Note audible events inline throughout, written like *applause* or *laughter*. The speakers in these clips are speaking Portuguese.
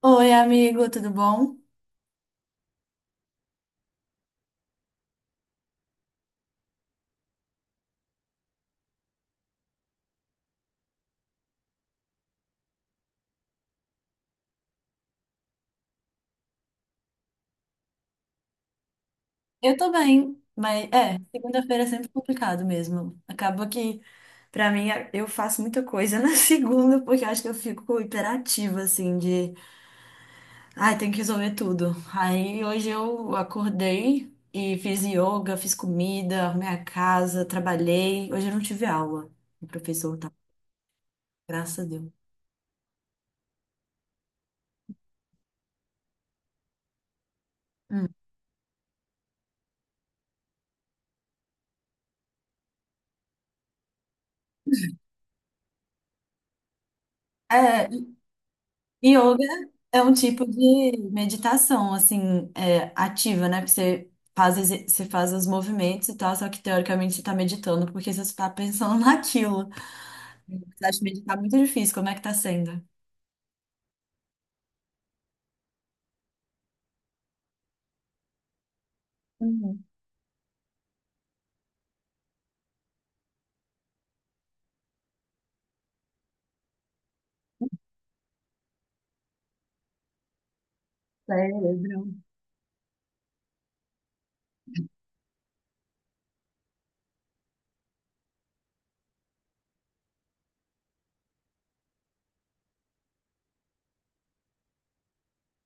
Oi, amigo, tudo bom? Eu tô bem, mas segunda-feira é sempre complicado mesmo. Acaba que, pra mim, eu faço muita coisa na *laughs* segunda, porque eu acho que eu fico hiperativa, ai, tem que resolver tudo. Aí hoje eu acordei e fiz yoga, fiz comida, arrumei a casa, trabalhei. Hoje eu não tive aula. O professor tá, graças a Deus. Hum. É, Yoga é um tipo de meditação, ativa, né? Porque você faz, você faz os movimentos e tal, só que teoricamente você tá meditando, porque você está pensando *laughs* naquilo. Você acha meditar muito difícil, como é que tá sendo? Uhum. Cérebro.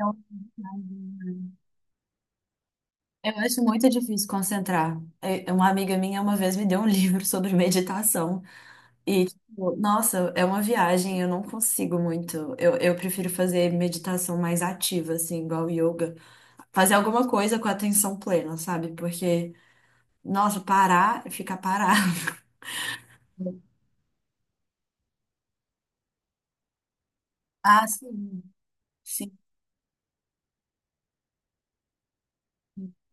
É um caso. Eu acho muito difícil concentrar. Uma amiga minha uma vez me deu um livro *laughs* sobre meditação e, tipo, nossa, é uma viagem, eu não consigo muito. Eu prefiro fazer meditação mais ativa, assim, igual yoga. Fazer alguma coisa com a atenção plena, sabe? Porque, nossa, parar, ficar parado. *laughs* Ah, sim, sim.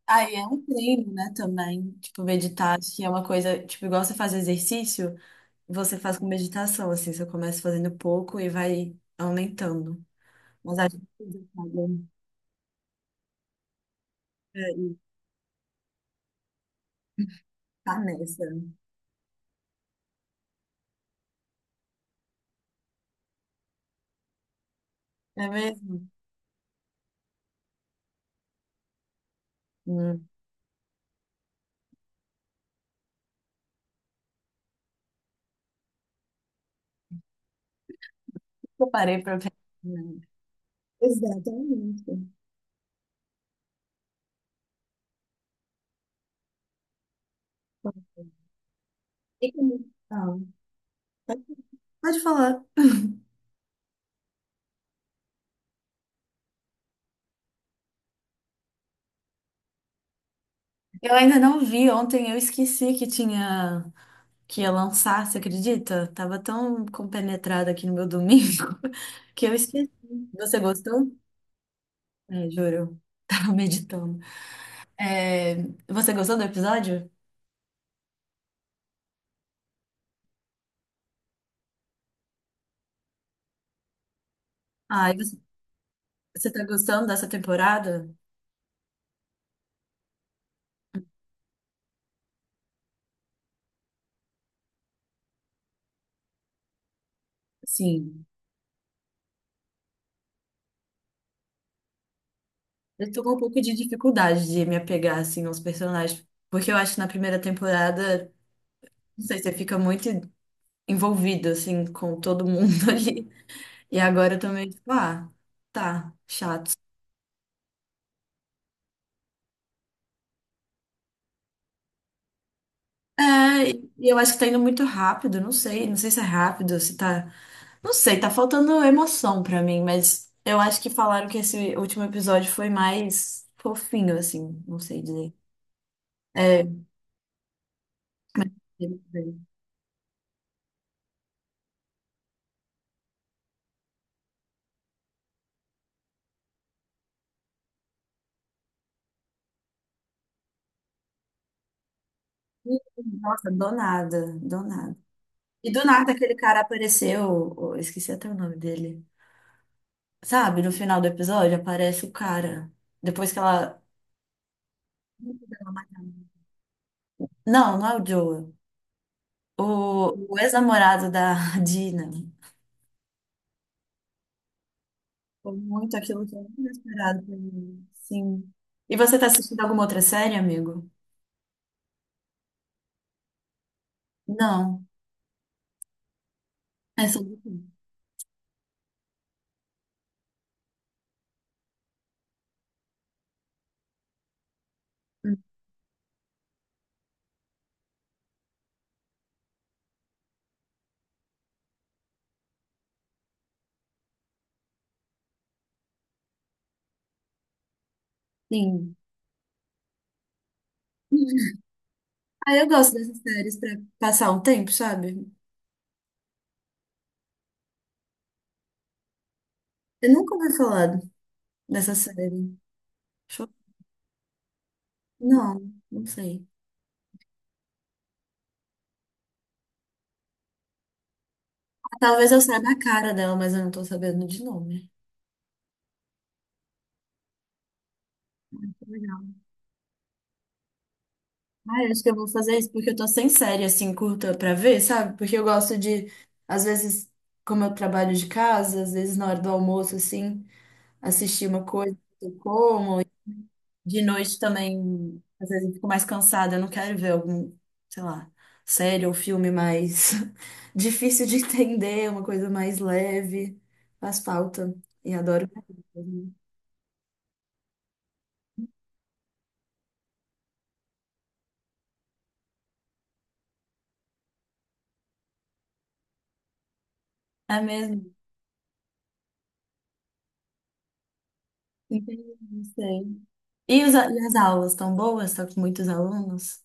Aí é um treino, né, também. Tipo, meditar, acho que é uma coisa, tipo, igual você faz exercício, você faz com meditação, assim, você começa fazendo pouco e vai aumentando. Mas acho que tudo, sabe? É, e tá nessa, né? É mesmo? Hum. Eu parei pra pensar, né? Exatamente. E como... Ah, pode pode falar. Eu ainda não vi, ontem eu esqueci que tinha, que ia lançar, você acredita? Tava tão compenetrada aqui no meu domingo *laughs* que eu esqueci. Você gostou? É, juro. *laughs* Tava meditando. É, você gostou do episódio? Ah, e você, você tá gostando dessa temporada? Sim. Eu tô com um pouco de dificuldade de me apegar, assim, aos personagens. Porque eu acho que na primeira temporada, não sei, você fica muito envolvido, assim, com todo mundo *laughs* ali. E agora eu tô meio tipo, ah, tá, chato. É, e eu acho que tá indo muito rápido, não sei, não sei se é rápido, se tá. Não sei, tá faltando emoção pra mim, mas eu acho que falaram que esse último episódio foi mais fofinho, assim, não sei dizer. É, ele foi- nossa, do nada, do nada. E do nada aquele cara apareceu, eu esqueci até o nome dele. Sabe, no final do episódio aparece o cara. Depois que ela. Não, não é o Joel. O, o ex-namorado da *laughs* Dina. Foi muito aquilo que eu não tinha esperado pra mim. Sim. E você tá assistindo alguma outra série, amigo? Não. É sobre tudo. Sim. Ah, eu gosto dessas séries pra passar um tempo, sabe? Eu nunca ouvi falar dessa série. Deixa eu- Não, não sei. Ah, talvez eu saiba a cara dela, mas eu não tô sabendo de nome. Legal. Ah, eu acho que eu vou fazer isso porque eu tô sem série assim curta pra ver, sabe? Porque eu gosto de, às vezes, como eu trabalho de casa, às vezes na hora do almoço, assim, assistir uma coisa que eu como. De noite também, às vezes eu fico mais cansada, eu não quero ver algum, sei lá, série ou filme mais *laughs* difícil de entender, uma coisa mais leve. Faz falta. E adoro. É mesmo? Entendi, não sei. E, e as aulas estão boas? Estão com muitos alunos?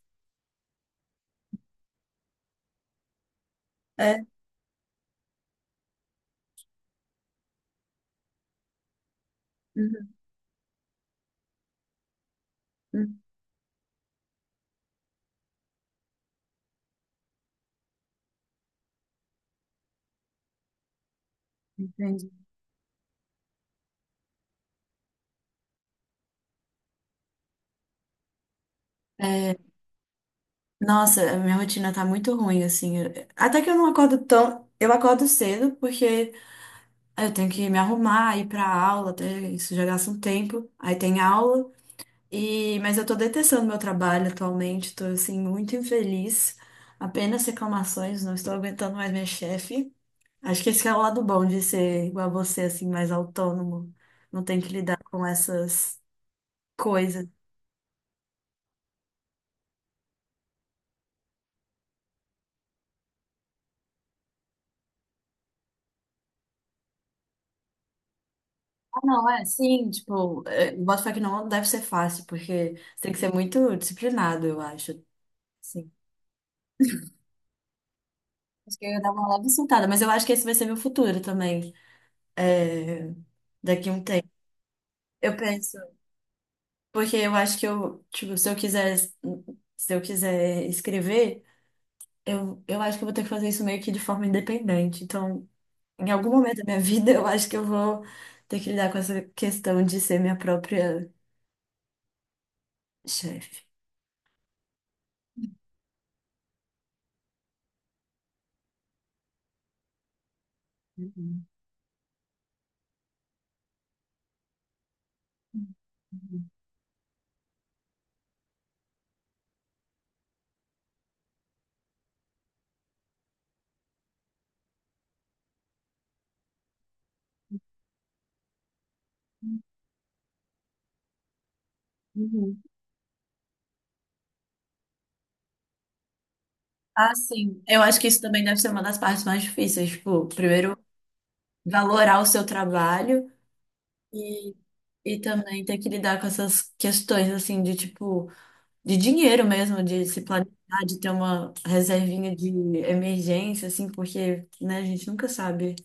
É. Uhum, uhum, entendi. É, nossa, a minha rotina tá muito ruim, assim. Até que eu não acordo tão. Eu acordo cedo, porque aí eu tenho que me arrumar, ir pra aula, até isso já gasta um tempo. Aí tem aula e mas eu tô detestando meu trabalho atualmente, tô assim muito infeliz. Apenas reclamações, não estou aguentando mais minha chefe. Acho que esse é o lado bom de ser igual a você, assim, mais autônomo. Não tem que lidar com essas coisas. Ah, não, é sim, tipo, é, boto fé que não deve ser fácil, porque você tem que ser muito disciplinado, eu acho. Sim. Acho que eu ia dar uma leve surtada, mas eu acho que esse vai ser meu futuro também, é, daqui a um tempo. Eu penso, porque eu acho que eu, tipo, se eu quiser, se eu quiser escrever, eu acho que eu vou ter que fazer isso meio que de forma independente. Então, em algum momento da minha *laughs* vida, eu acho que eu vou ter que lidar com essa questão de ser minha própria chefe. Uhum. Ah, sim. Eu acho que isso também deve ser uma das partes mais difíceis. Tipo, primeiro, valorar o seu trabalho e, e também ter que lidar com essas questões, assim, de tipo, de dinheiro mesmo, de se planejar, de ter uma reservinha de emergência, assim, porque, né, a gente nunca sabe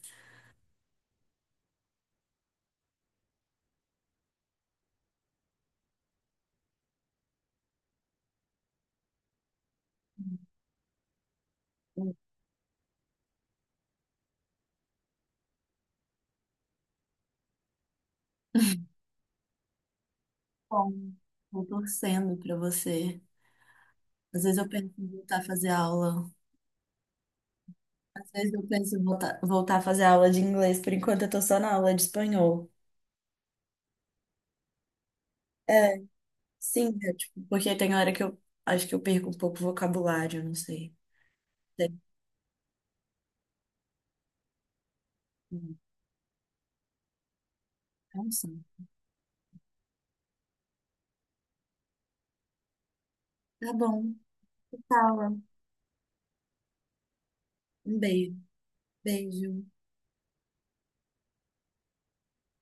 o quão estou torcendo para você. Às vezes eu penso em voltar a fazer aula. Às vezes eu penso em voltar a fazer aula de inglês. Por enquanto eu tô só na aula de espanhol. É, sim, é, tipo, porque tem hora que eu acho que eu perco um pouco o vocabulário, não sei. Tem- É um sim. Tá bom. Fala. Um beijo. Beijo.